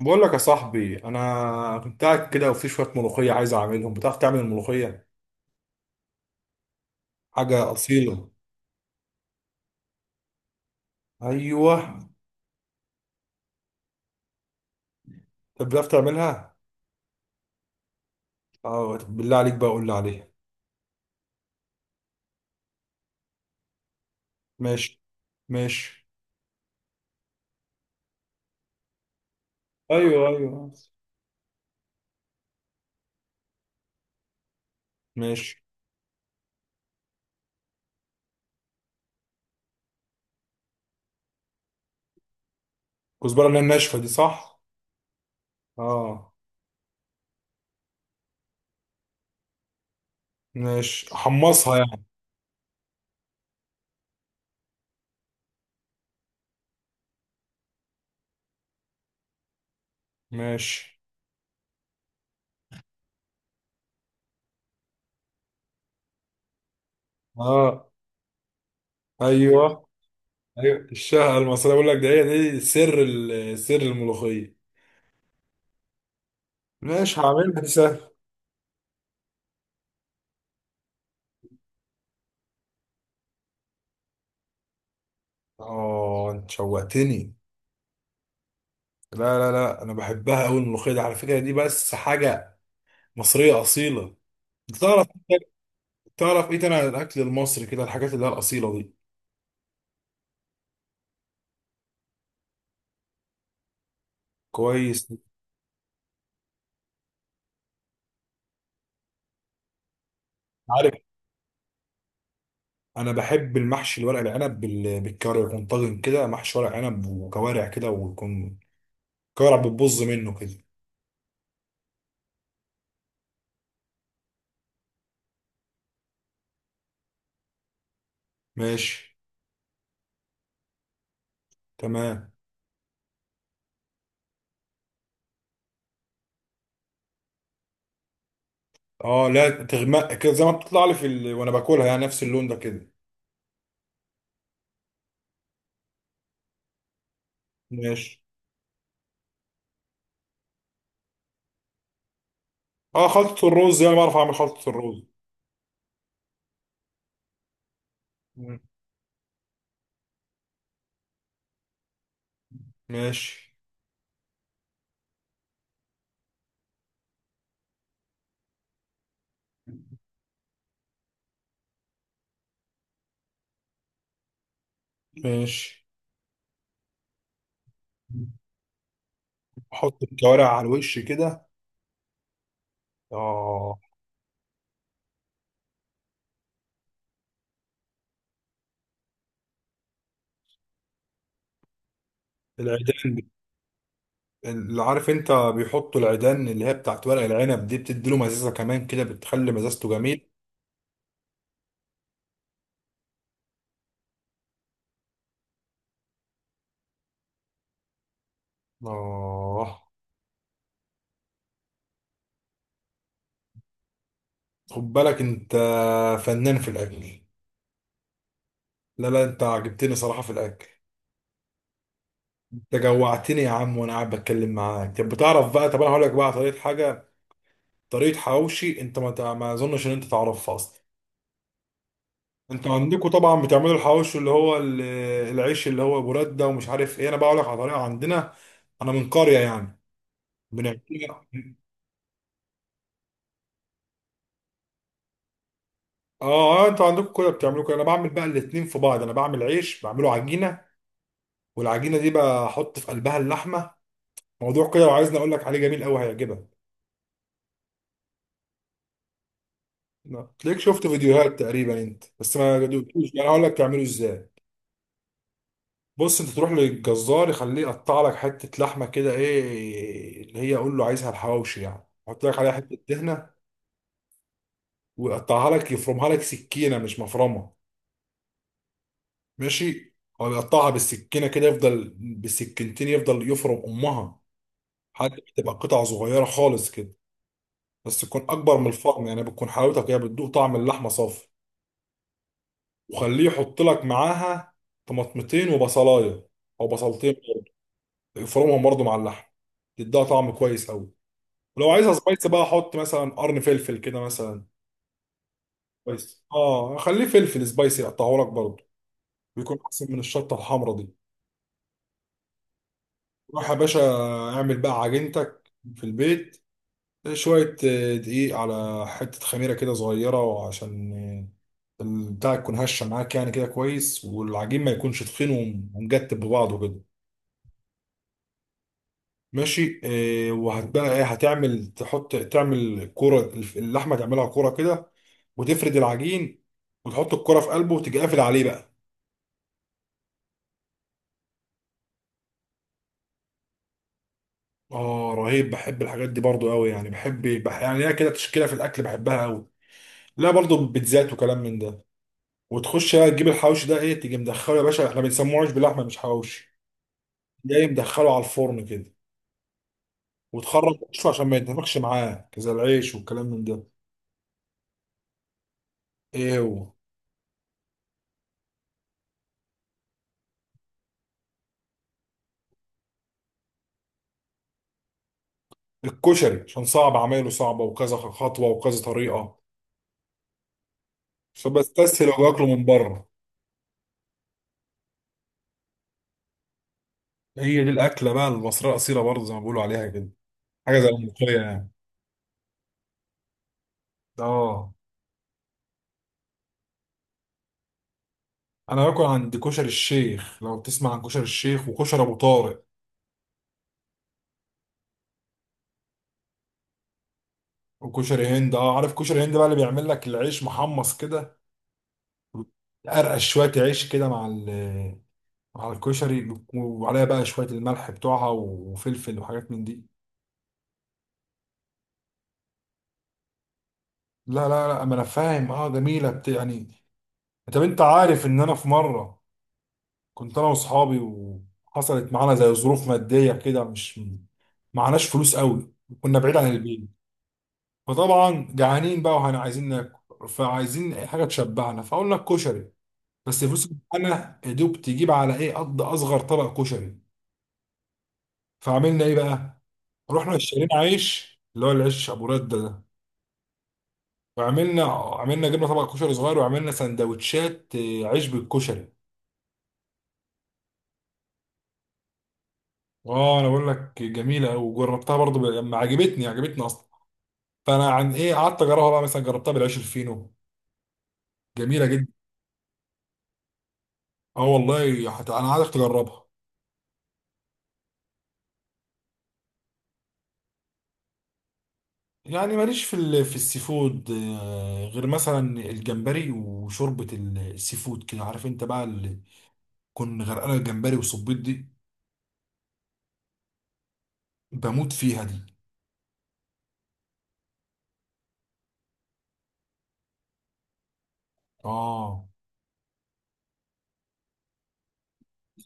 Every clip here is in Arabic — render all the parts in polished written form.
بقول لك يا صاحبي، انا كنت قاعد كده وفي شويه ملوخيه عايز اعملهم. بتعرف تعمل الملوخيه؟ حاجه اصيله. ايوه. طب بتعرف تعملها؟ اه، طب بالله عليك بقى قول لي عليها. ماشي. ماشي. ايوه ايوه. ماشي. كزبره، اللي هي الناشفه دي، صح؟ اه. ماشي، حمصها يعني. ماشي. اه. ايوه ايوه. الشهقه المصريه، بقول لك ده، هي دي سر سر الملوخيه. ماشي، هعملها، دي سهل. اه انت شوقتني. لا، انا بحبها قوي الملوخيه دي، على فكره دي بس حاجه مصريه اصيله. انت تعرف تعرف ايه تاني عن الاكل المصري كده، الحاجات اللي هي الاصيله دي؟ كويس. عارف، انا بحب المحشي الورق العنب بالكوارع، يكون طاجن كده محشي ورق عنب وكوارع كده، ويكون كوارع بتبظ منه كده. ماشي. تمام. اه، لا تغمق كده زي ما بتطلع لي في وانا باكلها، يعني نفس اللون ده كده. ماشي. اه، خلطه الرز يعني، بعرف اعمل خلطه الرز. مم. ماشي. ماشي، احط الكوارع على الوش كده. اه. العيدان بت- اللي عارف انت بيحطوا العيدان اللي هي بتاعت ورق العنب دي، بتدي له مزازه كمان كده، بتخلي مزازته جميل. اه. خد بالك انت فنان في الاكل. لا لا، انت عجبتني صراحه في الاكل. انت جوعتني يا عم وانا قاعد بتكلم معاك. طب بتعرف بقى، طب انا هقول لك بقى طريقه حاجه، طريقه حواوشي. انت ما اظنش ان انت تعرفها اصلا. انتوا عندكم طبعا بتعملوا الحواوشي، اللي هو العيش اللي هو براد ده ومش عارف ايه. انا بقول لك على طريقه عندنا، انا من قريه يعني، بنعملها. اه اه، انتوا عندكم كده بتعملوا كده. انا بعمل بقى الاتنين في بعض، انا بعمل عيش، بعمله عجينه والعجينه دي بحط في قلبها اللحمه. موضوع كده، لو عايزني اقول لك عليه، جميل قوي هيعجبك. لا، تلاقيك شفت فيديوهات تقريبا انت بس ما دوقتوش، يعني هقول لك تعمله ازاي. بص، انت تروح للجزار يخليه يقطع لك حته لحمه كده، ايه اللي هي قول له عايزها الحواوشي، يعني حط لك عليها حته دهنه، ويقطعها لك، يفرمها لك سكينه مش مفرمه. ماشي. هو بيقطعها بالسكينه كده، يفضل بالسكينتين يفضل يفرم امها، حاجه بتبقى قطع صغيره خالص كده، بس تكون اكبر من الفرم، يعني بتكون حلاوتك هي بتدوق طعم اللحمه صافي. وخليه يحط لك معاها طماطمتين وبصلايه او بصلتين، يفرمهم برضه مع اللحم، تديها طعم كويس قوي. ولو عايزها سبايسي بقى، حط مثلا قرن فلفل كده مثلا. كويس، اه، خليه فلفل سبايسي يقطعه لك برضه، بيكون احسن من الشطه الحمراء دي. روح يا باشا، اعمل بقى عجينتك في البيت. شوية دقيق على حتة خميرة كده صغيرة، وعشان البتاع تكون هشة معاك، يعني كده كويس، والعجين ما يكونش تخين ومجتب ببعضه كده. ماشي. وهتبقى ايه، هتعمل تحط، تعمل كرة اللحمة، تعملها كرة كده، وتفرد العجين وتحط الكرة في قلبه، وتيجي قافل عليه بقى. اه رهيب، بحب الحاجات دي برضو قوي. يعني بحب يعني هي كده تشكيلة في الاكل بحبها قوي، لا برضو بيتزات وكلام من ده. وتخش بقى تجيب الحواوشي ده، ايه، تيجي مدخله يا باشا. احنا بنسموه عيش باللحمه مش حواوشي. جاي مدخله على الفرن كده، وتخرج وشه عشان ما يتنفخش معاك زي العيش والكلام من ده. ايه هو؟ الكشري، عشان صعب، عمايله صعبه وكذا خطوه وكذا طريقه، فبستسهل واكله من بره. هي دي الاكله بقى المصريه الاصيله، برضه زي ما بيقولوا عليها كده، حاجه زي الملوخيه يعني. اه، انا باكل عند كشري الشيخ، لو تسمع عن كشري الشيخ، وكشري ابو طارق وكشري هند. اه، عارف كشري هند بقى، اللي بيعمل لك العيش محمص كده، ارقش شويه عيش كده مع مع الكشري، وعليها بقى شويه الملح بتوعها وفلفل وحاجات من دي. لا، ما انا فاهم، اه جميله يعني. طب انت عارف ان انا في مره كنت انا واصحابي، وحصلت معانا زي ظروف ماديه كده، مش معناش فلوس قوي، كنا بعيد عن البيت، فطبعا جعانين بقى وهنا عايزين ناكل، فعايزين أي حاجه تشبعنا، فقلنا الكشري، بس الفلوس اللي معانا يا دوب تجيب على ايه قد اصغر طبق كشري. فعملنا ايه بقى، رحنا اشترينا عيش اللي هو العيش ابو رده ده، وعملنا جبنا طبق كشري صغير، وعملنا سندوتشات عيش بالكشري. اه انا بقول لك جميله قوي، وجربتها برضو لما عجبتني عجبتني اصلا، فانا عن ايه قعدت اجربها بقى، مثلا جربتها بالعيش الفينو، جميله جدا. اه والله، انا عايزك تجربها. يعني ماليش في في السي فود، غير مثلا الجمبري وشوربه السي فود كده، عارف انت بقى اللي كن غرقانه، الجمبري والصبيط دي بموت فيها دي. اه،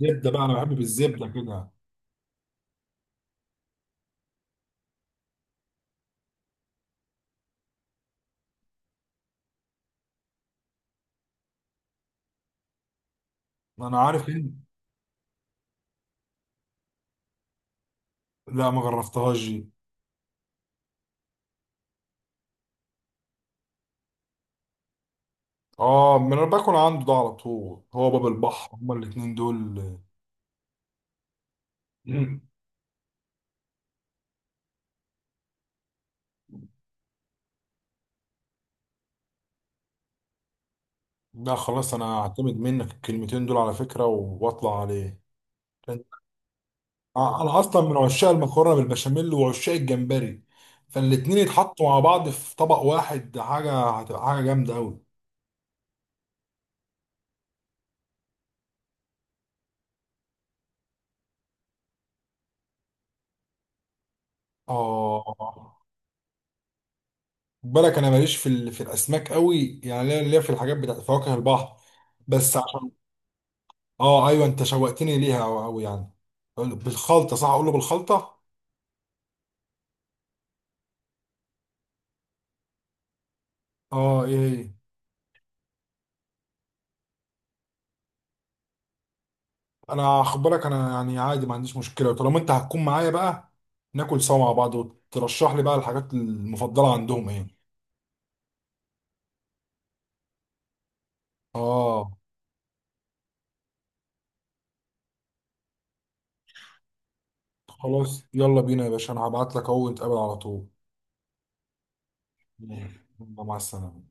زبده بقى، انا بحب بالزبده كده. انا عارف ان، لا ما جربتهاش دي. اه، ما انا باكل عنده ده على طول، هو باب البحر هما الاتنين دول. مم. لا خلاص، انا هعتمد منك الكلمتين دول على فكره واطلع عليه. انا اصلا من عشاق المكرونه بالبشاميل وعشاق الجمبري، فالاتنين يتحطوا مع بعض في طبق واحد، ده حاجه هتبقى حاجه جامده قوي. اه، خد بالك انا ماليش في في الاسماك قوي، يعني ليا في الحاجات بتاعت فواكه البحر بس، عشان. اه ايوه انت شوقتني ليها قوي قوي يعني. بالخلطه، صح؟ اقول له بالخلطه. اه، ايه إيه. انا خد بالك انا يعني عادي، ما عنديش مشكله، وطالما انت هتكون معايا بقى، ناكل سوا مع بعض وترشح لي بقى الحاجات المفضله عندهم ايه. اه خلاص، يلا بينا يا باشا، انا هبعت لك اهو، نتقابل على طول. يلا، مع السلامه.